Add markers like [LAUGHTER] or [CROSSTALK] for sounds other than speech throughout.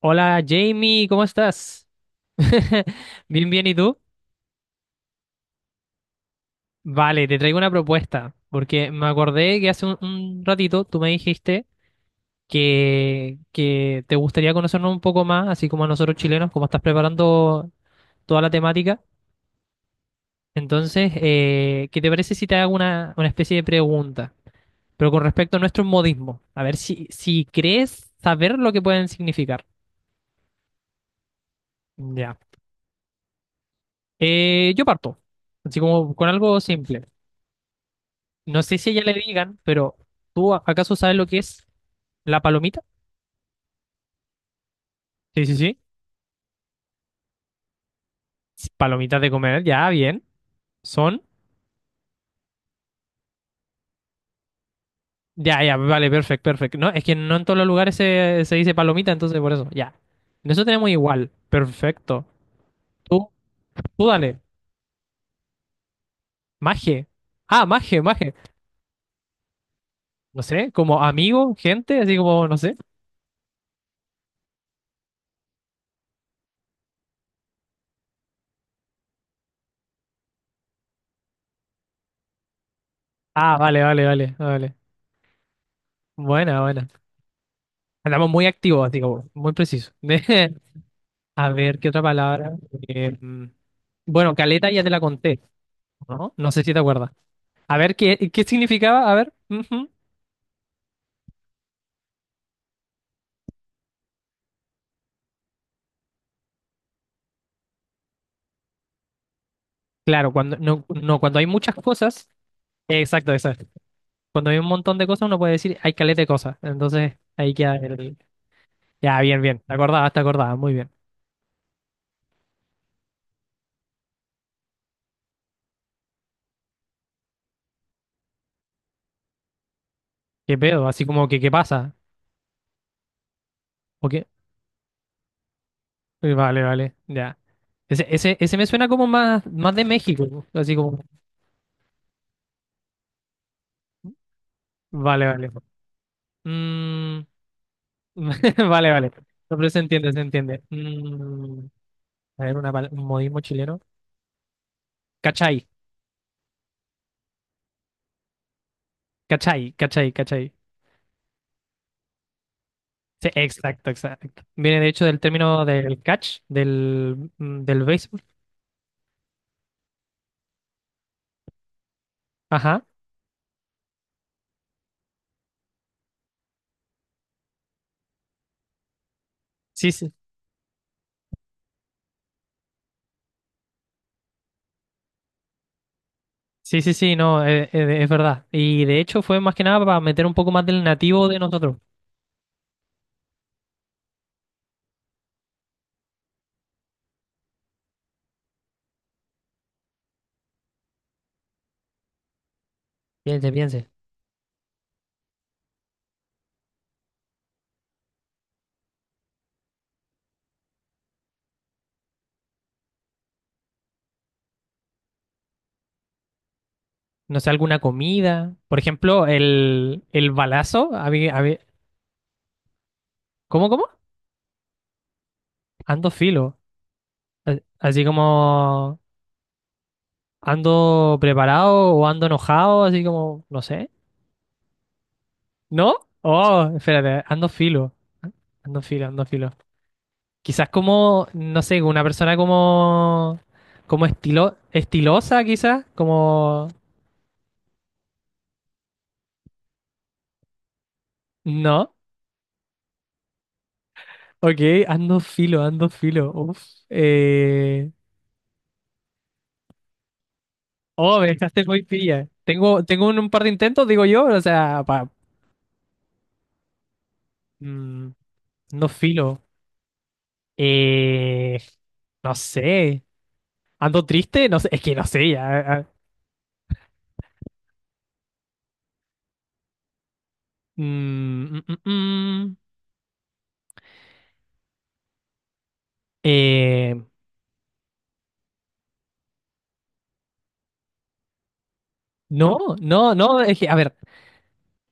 Hola Jamie, ¿cómo estás? [LAUGHS] Bien, bien, ¿y tú? Vale, te traigo una propuesta, porque me acordé que hace un ratito tú me dijiste que te gustaría conocernos un poco más, así como a nosotros chilenos, como estás preparando toda la temática. Entonces, ¿qué te parece si te hago una especie de pregunta? Pero con respecto a nuestros modismos, a ver si crees saber lo que pueden significar. Ya. Yo parto, así como con algo simple. No sé si a ella le digan, pero ¿tú acaso sabes lo que es la palomita? Sí, sí, sí. Palomitas de comer, ya, bien. Son. Ya, ya, vale, perfecto, perfecto. No, es que no en todos los lugares se dice palomita, entonces por eso, ya. En eso tenemos igual. Perfecto. Tú, tú dale. Maje. Ah, maje, maje. No sé, como amigo, gente, así como, no sé. Ah, vale, vale, vale, vale. Buena, buena. Andamos muy activos, así como, muy preciso. [LAUGHS] A ver, ¿qué otra palabra? Eh, mm, bueno, caleta ya te la conté. No, no sé si te acuerdas. A ver, ¿qué, qué significaba? A ver. Ujú. Claro, cuando, no, no, cuando hay muchas cosas. Exacto, exacto. Cuando hay un montón de cosas, uno puede decir, hay caleta de cosas. Entonces, ahí queda el... Ya, bien, bien. Te acordabas, te acordabas. Muy bien. ¿Qué pedo? Así como que, ¿qué pasa? ¿O qué? Vale, vale. Ya. Ese me suena como más, más de México. Así como... Vale, vale. Mm. [LAUGHS] Vale, vale. No, pero se entiende, se entiende. A ver, una, un modismo chileno. Cachai, cachai, cachai, cachai. Sí, exacto, exacto. Viene de hecho del término del catch, del del béisbol. Ajá. Sí, sí. Sí, sí, sí, no, es verdad. Y de hecho fue más que nada para meter un poco más del nativo de nosotros. Piense, piense. No sé, alguna comida. Por ejemplo, el balazo. ¿Cómo, cómo? Ando filo. Así como ando preparado o ando enojado, así como, no sé. ¿No? Oh, espérate, ando filo. Ando filo, ando filo. Quizás como, no sé, una persona como, como estilo, estilosa, quizás, como, no, ok, ando filo, uf, eh, oh, me dejaste muy pilla, tengo, tengo un par de intentos, digo yo, o sea, pa, mm, no filo, eh, no sé, ando triste, no sé, es que no sé, ya, mm, mm, mm, mm, eh, no, no, no, es que, a ver,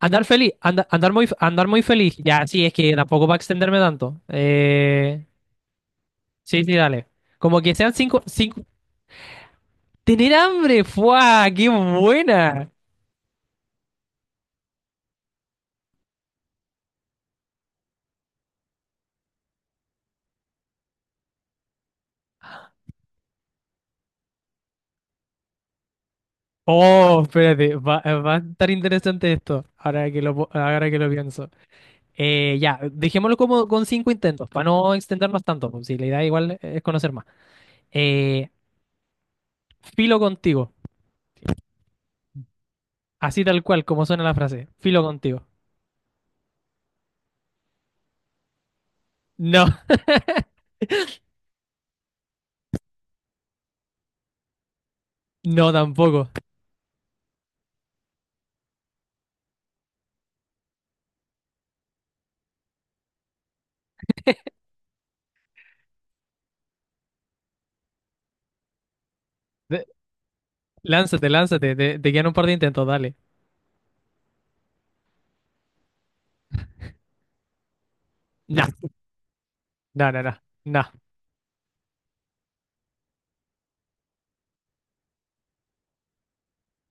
Andar feliz, andar muy feliz. Ya, sí, es que tampoco va a extenderme tanto. Sí, sí, dale. Como que sean cinco, cinco. Tener hambre, ¡fua! ¡Qué buena! Oh, espérate, va, va a estar interesante esto. Ahora que ahora que lo pienso. Ya, dejémoslo como con cinco intentos, para no extendernos tanto. Pues, si la idea igual es conocer más. Eh, Filo contigo. Así tal cual, como suena la frase. Filo contigo. No, no tampoco. Lánzate, lánzate, te quedan un par de intentos, dale. No, no, no, no, no,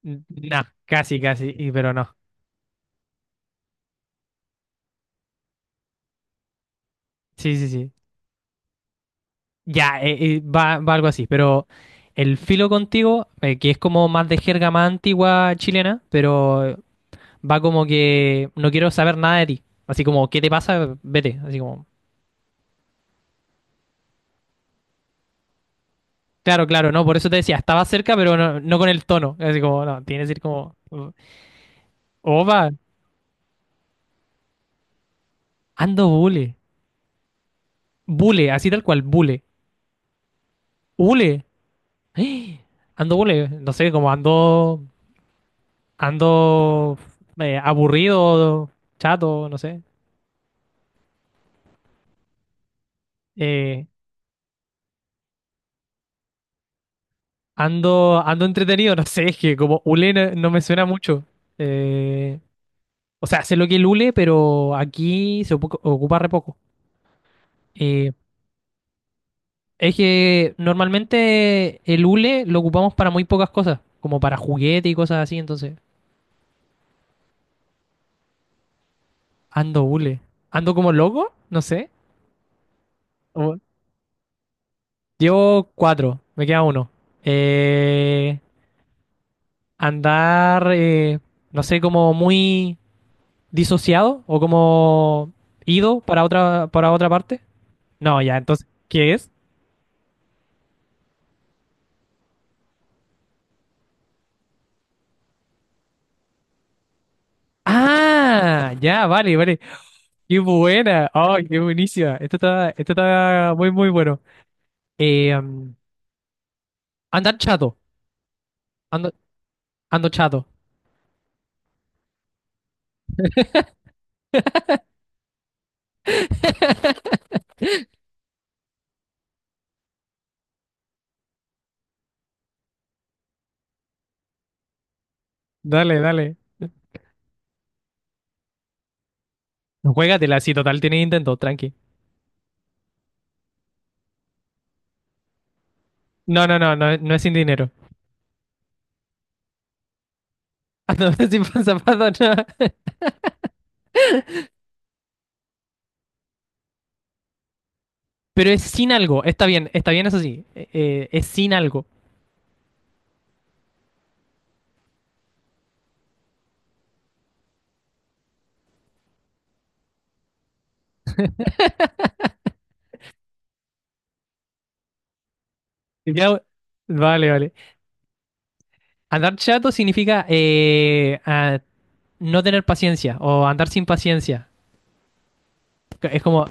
no, casi, casi, pero no. Sí, sí, sí. Ya, va, va algo así, pero el filo contigo, que es como más de jerga más antigua chilena, pero va como que no quiero saber nada de ti. Así como, ¿qué te pasa? Vete, así como. Claro, claro, no, por eso te decía, estaba cerca, pero no, no con el tono. Así como, no, tiene que decir como, opa, ando bule. Bule, así tal cual, bule. Ule. [GASPS] ¡Eh! Ando, no sé, como ando, ando aburrido, chato, no sé. Eh, Ando, ando entretenido, [LAUGHS] no sé, es que como hule no, no me suena mucho. Eh, o sea, sé lo que es el hule, pero aquí se ocupa re poco. Eh, es que normalmente el hule lo ocupamos para muy pocas cosas, como para juguete y cosas así, entonces ando hule. Ando como loco, no sé. Llevo cuatro, me queda uno. Eh, Andar, no sé, como muy disociado o como ido para para otra parte. No, ya, entonces, ¿qué es? Ah, ya, vale, vale. Qué buena. Ay, qué buenísima. Esto está muy, muy bueno. Eh, um, Andar chato. Ando, ando chato. [LAUGHS] Dale, dale. No, juégatela, si total tienes intento, tranqui. No, no, no, no, no es sin dinero. [LAUGHS] Ando sin pasapato, no. Pero es sin algo. Está bien, eso sí. Es sin algo. Ya- vale, vale. Andar chato significa no tener paciencia o andar sin paciencia. Es como,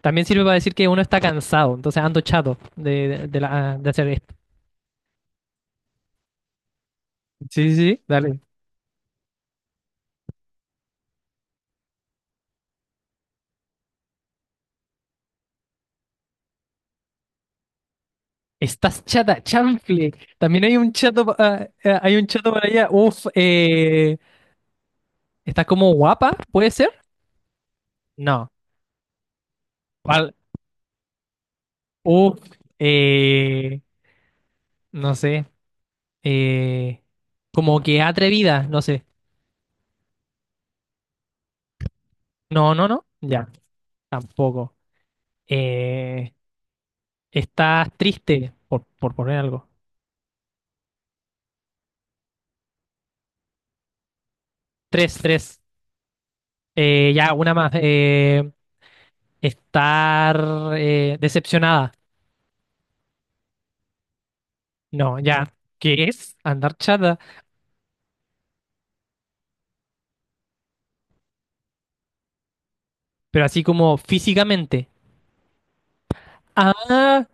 también sirve para decir que uno está cansado, entonces ando chato de hacer esto. Sí, sí, sí, dale. Estás chata, chanfle. También hay un chato, hay un chato para allá. Uf, ¿estás como guapa? ¿Puede ser? No. ¿Cuál? Uf, eh, no sé. Eh, Como que atrevida, no sé. No, no, no. Ya, tampoco. Eh, Estás triste, por poner algo. Tres, tres. Ya, una más. Estar decepcionada. No, ya. ¿Qué es? Andar chata. Pero así como físicamente. Ah,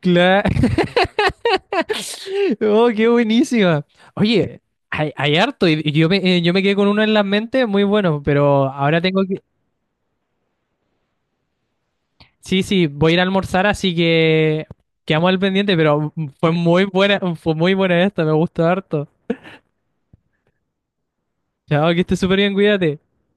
claro. [LAUGHS] Oh, qué buenísima. Oye, hay harto. Y yo me quedé con uno en la mente muy bueno, pero ahora tengo que... Sí, sí, voy a ir a almorzar, así que quedamos al pendiente, pero fue muy buena esta, me gustó harto. Chao, que estés súper bien, cuídate.